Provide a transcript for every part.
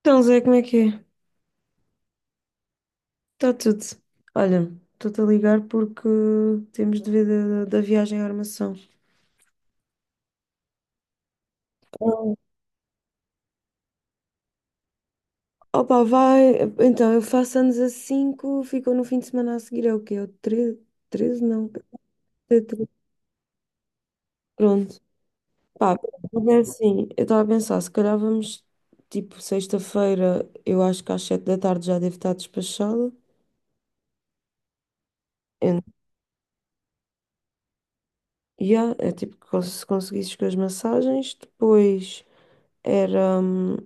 Então, Zé, como é que é? Está tudo. Olha, estou-te a ligar porque temos de ver da viagem à armação. Opa, vai. Então, eu faço anos a 5. Ficou no fim de semana a seguir, é o quê? É o 13? 13? Não, é 13. Pronto. Pá, é assim, eu estava a pensar, se calhar vamos, tipo, sexta-feira, eu acho que às 7 da tarde já devo estar despachada. Eu Yeah, é tipo que se conseguisses com as massagens, depois era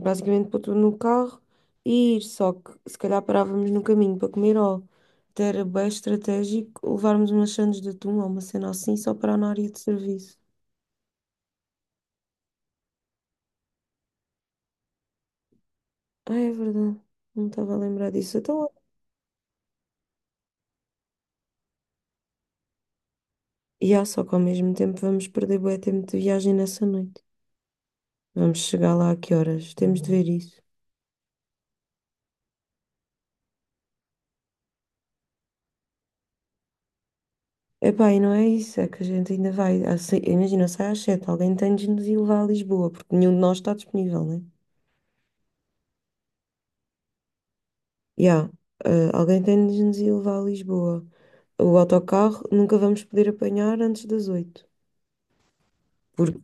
basicamente pôr tudo no carro e ir, só que se calhar parávamos no caminho para comer ou até era bem estratégico levarmos umas sandes de atum ou uma cena assim só para na área de serviço. Ah, é verdade, não estava a lembrar disso. Então, yeah, só que ao mesmo tempo vamos perder bué tempo de viagem nessa noite. Vamos chegar lá a que horas? Temos de ver isso. Epá, e não é isso, é que a gente ainda vai. Imagina, sai às 7, alguém tem de nos ir levar a Lisboa, porque nenhum de nós está disponível, né? Já, alguém tem de nos ir levar a Lisboa. O autocarro nunca vamos poder apanhar antes das 8, porque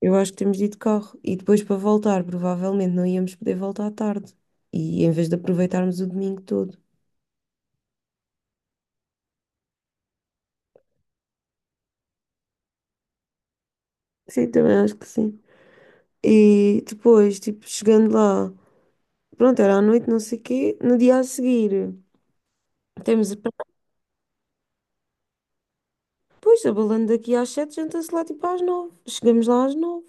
eu acho que temos de ir de carro. E depois para voltar, provavelmente não íamos poder voltar à tarde. E em vez de aproveitarmos o domingo todo. Sim, também acho que sim. E depois, tipo, chegando lá, pronto, era à noite, não sei o quê, no dia a seguir. Temos Pois, abalando daqui às 7, janta-se lá tipo às 9. Chegamos lá às 9.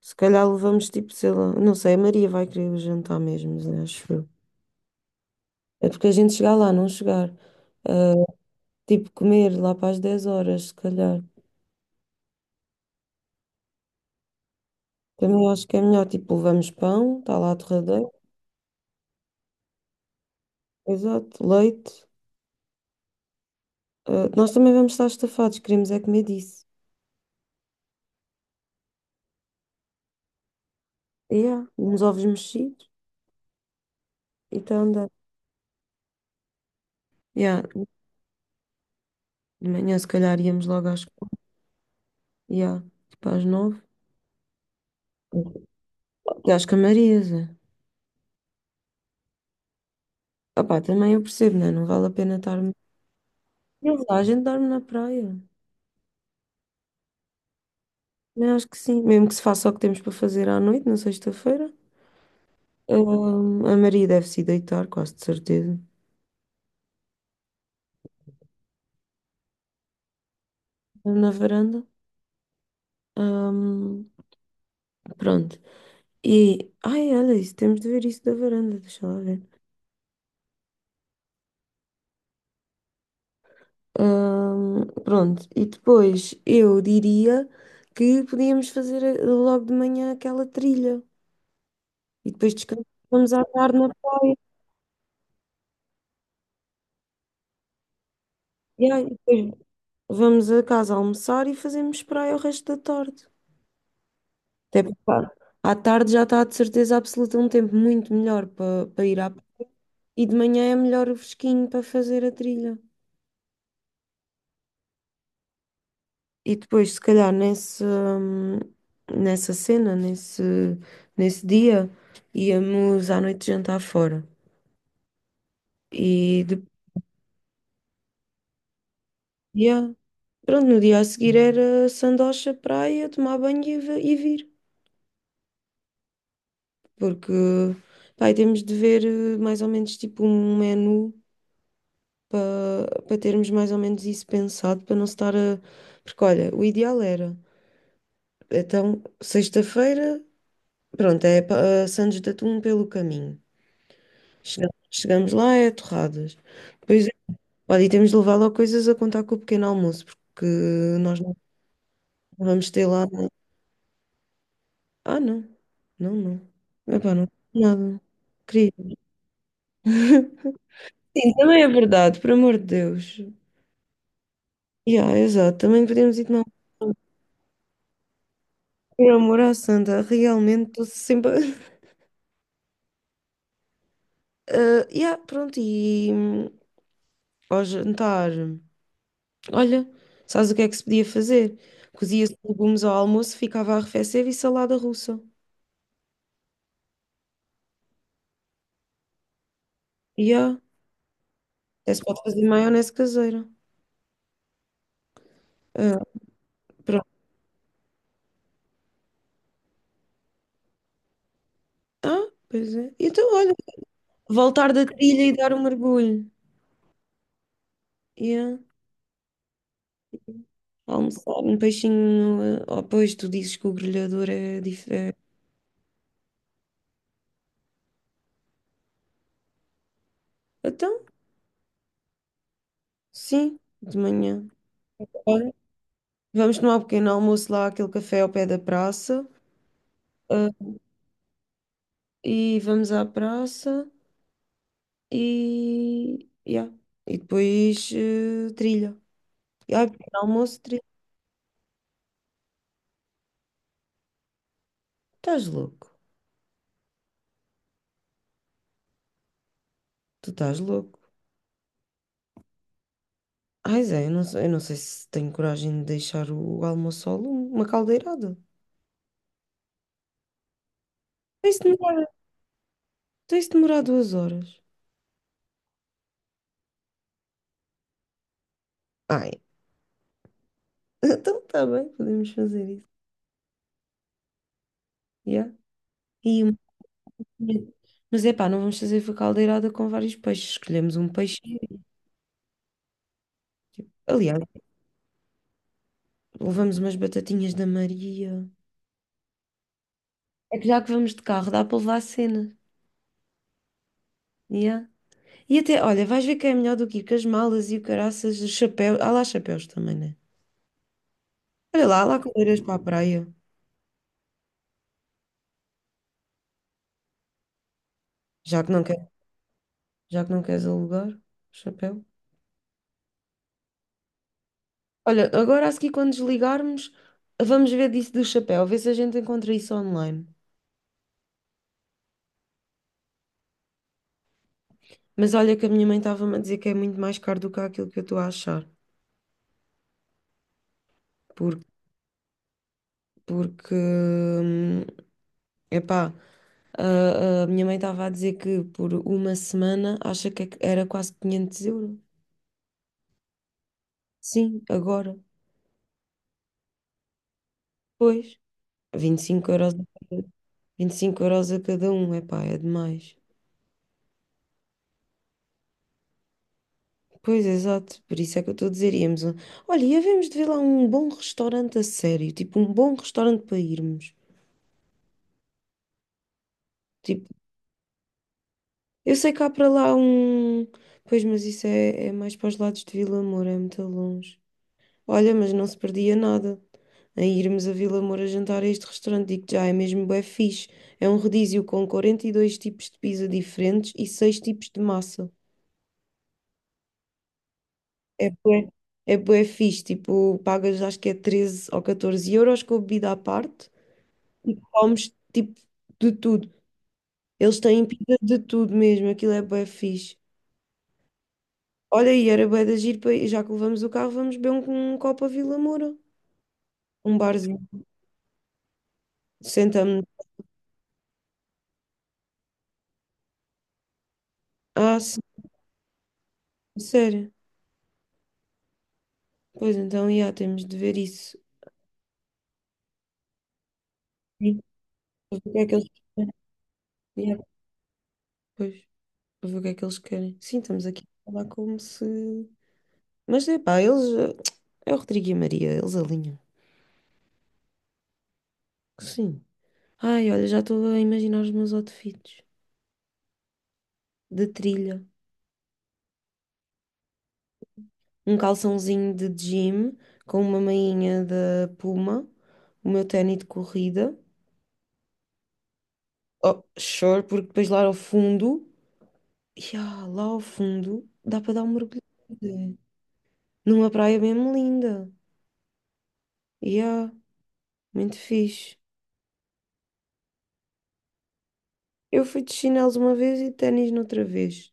Se calhar levamos tipo, sei lá, não sei, a Maria vai querer o jantar mesmo, né, acho eu. É porque a gente chegar lá, não chegar. Ah, tipo, comer lá para as 10 horas, se calhar. Também acho que é melhor, tipo, levamos pão, está lá a torradeira, exato, leite. Ah, nós também vamos estar estafados, queremos é comer disso. Yeah, uns ovos mexidos e está a andar. Yeah, de manhã se calhar íamos logo às, yeah, tipo às 9. E às Camarias, é. Opá, também eu percebo, né? Não vale a pena estar-me. Não. A gente dorme na praia. Mas acho que sim, mesmo que se faça o que temos para fazer à noite, na sexta-feira. A Maria deve se ir deitar, quase de certeza, na varanda. Ahm, pronto. E, ai, olha isso, temos de ver isso da varanda, deixa lá ver. Pronto, e depois eu diria que podíamos fazer logo de manhã aquela trilha e depois descansamos à tarde na praia. Yeah, e depois vamos a casa almoçar e fazemos praia o resto da tarde. Até porque pá, à tarde já está de certeza absoluta um tempo muito melhor para ir à praia. E de manhã é melhor o fresquinho para fazer a trilha. E depois, se calhar, nesse, nessa cena, nesse, nesse dia, íamos à noite jantar fora. E depois, yeah, pronto, no dia a seguir era sandocha, praia, tomar banho e, e vir. Porque, pá, e temos de ver mais ou menos tipo um menu para termos mais ou menos isso pensado, para não se estar a. Porque olha, o ideal era. Então, sexta-feira, pronto, é a Santos de Atum pelo caminho. Chegamos lá, é torradas. Depois, olha, e temos de levar lá coisas a contar com o pequeno almoço, porque nós não vamos ter lá. Ah, não, não, não. Epá, não, nada. Querido. Sim, também é verdade, por amor de Deus. Yeah, exato, também podemos ir tomar. Um. Por amor à santa, realmente estou sempre. Ah, yeah, pronto, e ao jantar, olha, sabes o que é que se podia fazer? Cozia-se legumes ao almoço, ficava a arrefecer e salada russa. Yeah, até se pode fazer maionese caseira. Ah, pronto. Ah, pois é. Então, olha, voltar da trilha e dar um mergulho. Yeah. Almoçar um peixinho. Oh, pois tu dizes que o grelhador é diferente. Então, sim, de manhã. Vamos tomar um pequeno almoço lá àquele café ao pé da praça. ah, e vamos à praça e. Yeah. E depois trilha. E ai, pequeno almoço, trilha. Estás louco? Tu estás louco? Ai, Zé, eu não sei se tenho coragem de deixar o almoço ao lume, uma caldeirada. Tem se demorar, tem se demorar 2 horas. Ai, então está bem, podemos fazer isso. Yeah. E uma- Mas é pá, não vamos fazer a caldeirada com vários peixes. Escolhemos um peixe. Tipo, aliás, levamos umas batatinhas da Maria. É que já que vamos de carro, dá para levar a cena. Yeah. E até, olha, vais ver que é melhor do que ir com as malas e o caraças, os chapéus. Há lá chapéus também, né? Olha lá, há lá cadeiras para a praia. Já que não quer, Já que não queres alugar, chapéu. Olha, agora a seguir, quando desligarmos, vamos ver disso do chapéu, ver se a gente encontra isso online. Mas olha que a minha mãe estava-me a dizer que é muito mais caro do que aquilo que eu estou a achar. Por, porque. Epá, a minha mãe estava a dizer que por uma semana acha que era quase 500 euros. Sim, agora. Pois, 25 euros a cada, 25 euros a cada um, epá, é demais. Pois, exato, por isso é que eu estou a dizer, íamos a... Olha, e havemos de ver lá um bom restaurante a sério, tipo um bom restaurante para irmos. Tipo, eu sei que há para lá um... Pois, mas isso é mais para os lados de Vila Moura, é muito longe. Olha, mas não se perdia nada em irmos a Vila Moura jantar a este restaurante. Digo já, é mesmo bué fixe. É um rodízio com 42 tipos de pizza diferentes e 6 tipos de massa. É bué, é bué fixe. Tipo, pagas acho que é 13 ou 14 euros com a bebida à parte e comes tipo de tudo. Eles têm pizza de tudo mesmo. Aquilo é bué fixe. Olha, e era bué de agir, já que levamos o carro, vamos beber um copo a Vila Moura. Um barzinho. Sentamos. Ah, sim, sério. Pois então, já, temos de ver isso. Sim. Para ver o que é que eles querem. Ya, pois, para ver o que é que eles querem. Sim, estamos aqui a falar como se. Mas é pá, eles. É o Rodrigo e a Maria, eles alinham. Sim. Ai, olha, já estou a imaginar os meus outfits de trilha. Um calçãozinho de gym com uma mainha da Puma, o meu ténis de corrida. Oh, sure, porque depois lá ao fundo. Ya, lá ao fundo dá para dar um mergulho numa praia mesmo linda. Yeah, muito fixe. Eu fui de chinelos uma vez e de ténis noutra vez.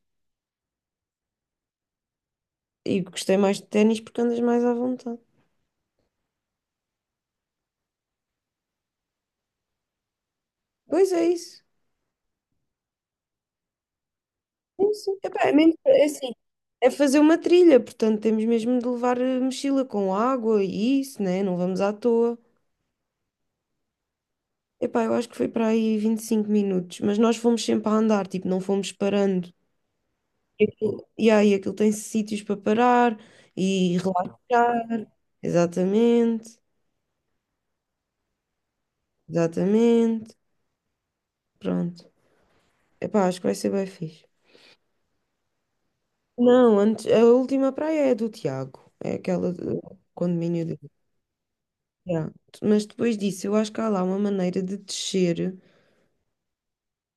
E gostei mais de ténis porque andas mais à vontade. Pois é isso. Sim, sim. Epá, é mesmo, é assim, é fazer uma trilha, portanto temos mesmo de levar mochila com água e isso, né? Não vamos à toa. Epá, eu acho que foi para aí 25 minutos, mas nós fomos sempre a andar, tipo, não fomos parando. E aquilo, yeah, e aí, aquilo tem sítios para parar e relaxar. Exatamente, exatamente. Pronto. Epá, acho que vai ser bem fixe. Não, antes, a última praia é do Tiago. É aquela do condomínio dele. Yeah. Mas depois disso, eu acho que há lá uma maneira de descer.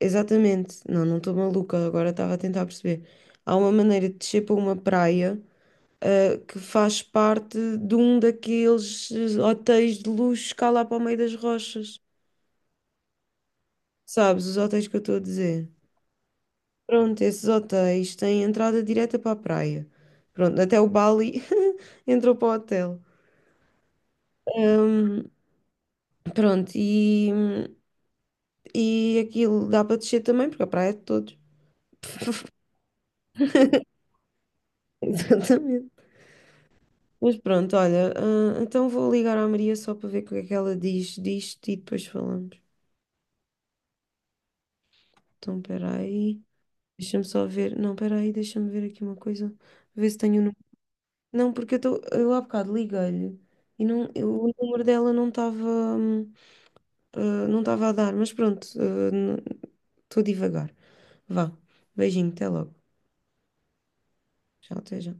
Exatamente. Não, não estou maluca, agora estava a tentar perceber. Há uma maneira de descer para uma praia, ah, que faz parte de um daqueles hotéis de luxo cá lá para o meio das rochas. Sabes, os hotéis que eu estou a dizer. Pronto, esses hotéis têm entrada direta para a praia. Pronto, até o Bali entrou para o hotel. Ahm, pronto, e, aquilo dá para descer também, porque a praia é de todos. Exatamente. Mas pronto, olha, ah, então vou ligar à Maria só para ver o que é que ela diz disto e depois falamos. Então, espera aí, deixa-me só ver. Não, espera aí, deixa-me ver aqui uma coisa, ver se tenho o número. Não, porque eu, eu há bocado liguei-lhe e não, o número dela não estava. hum, Ah, não estava a dar, mas pronto, estou a divagar. Vá, beijinho, até logo. Tchau, até já.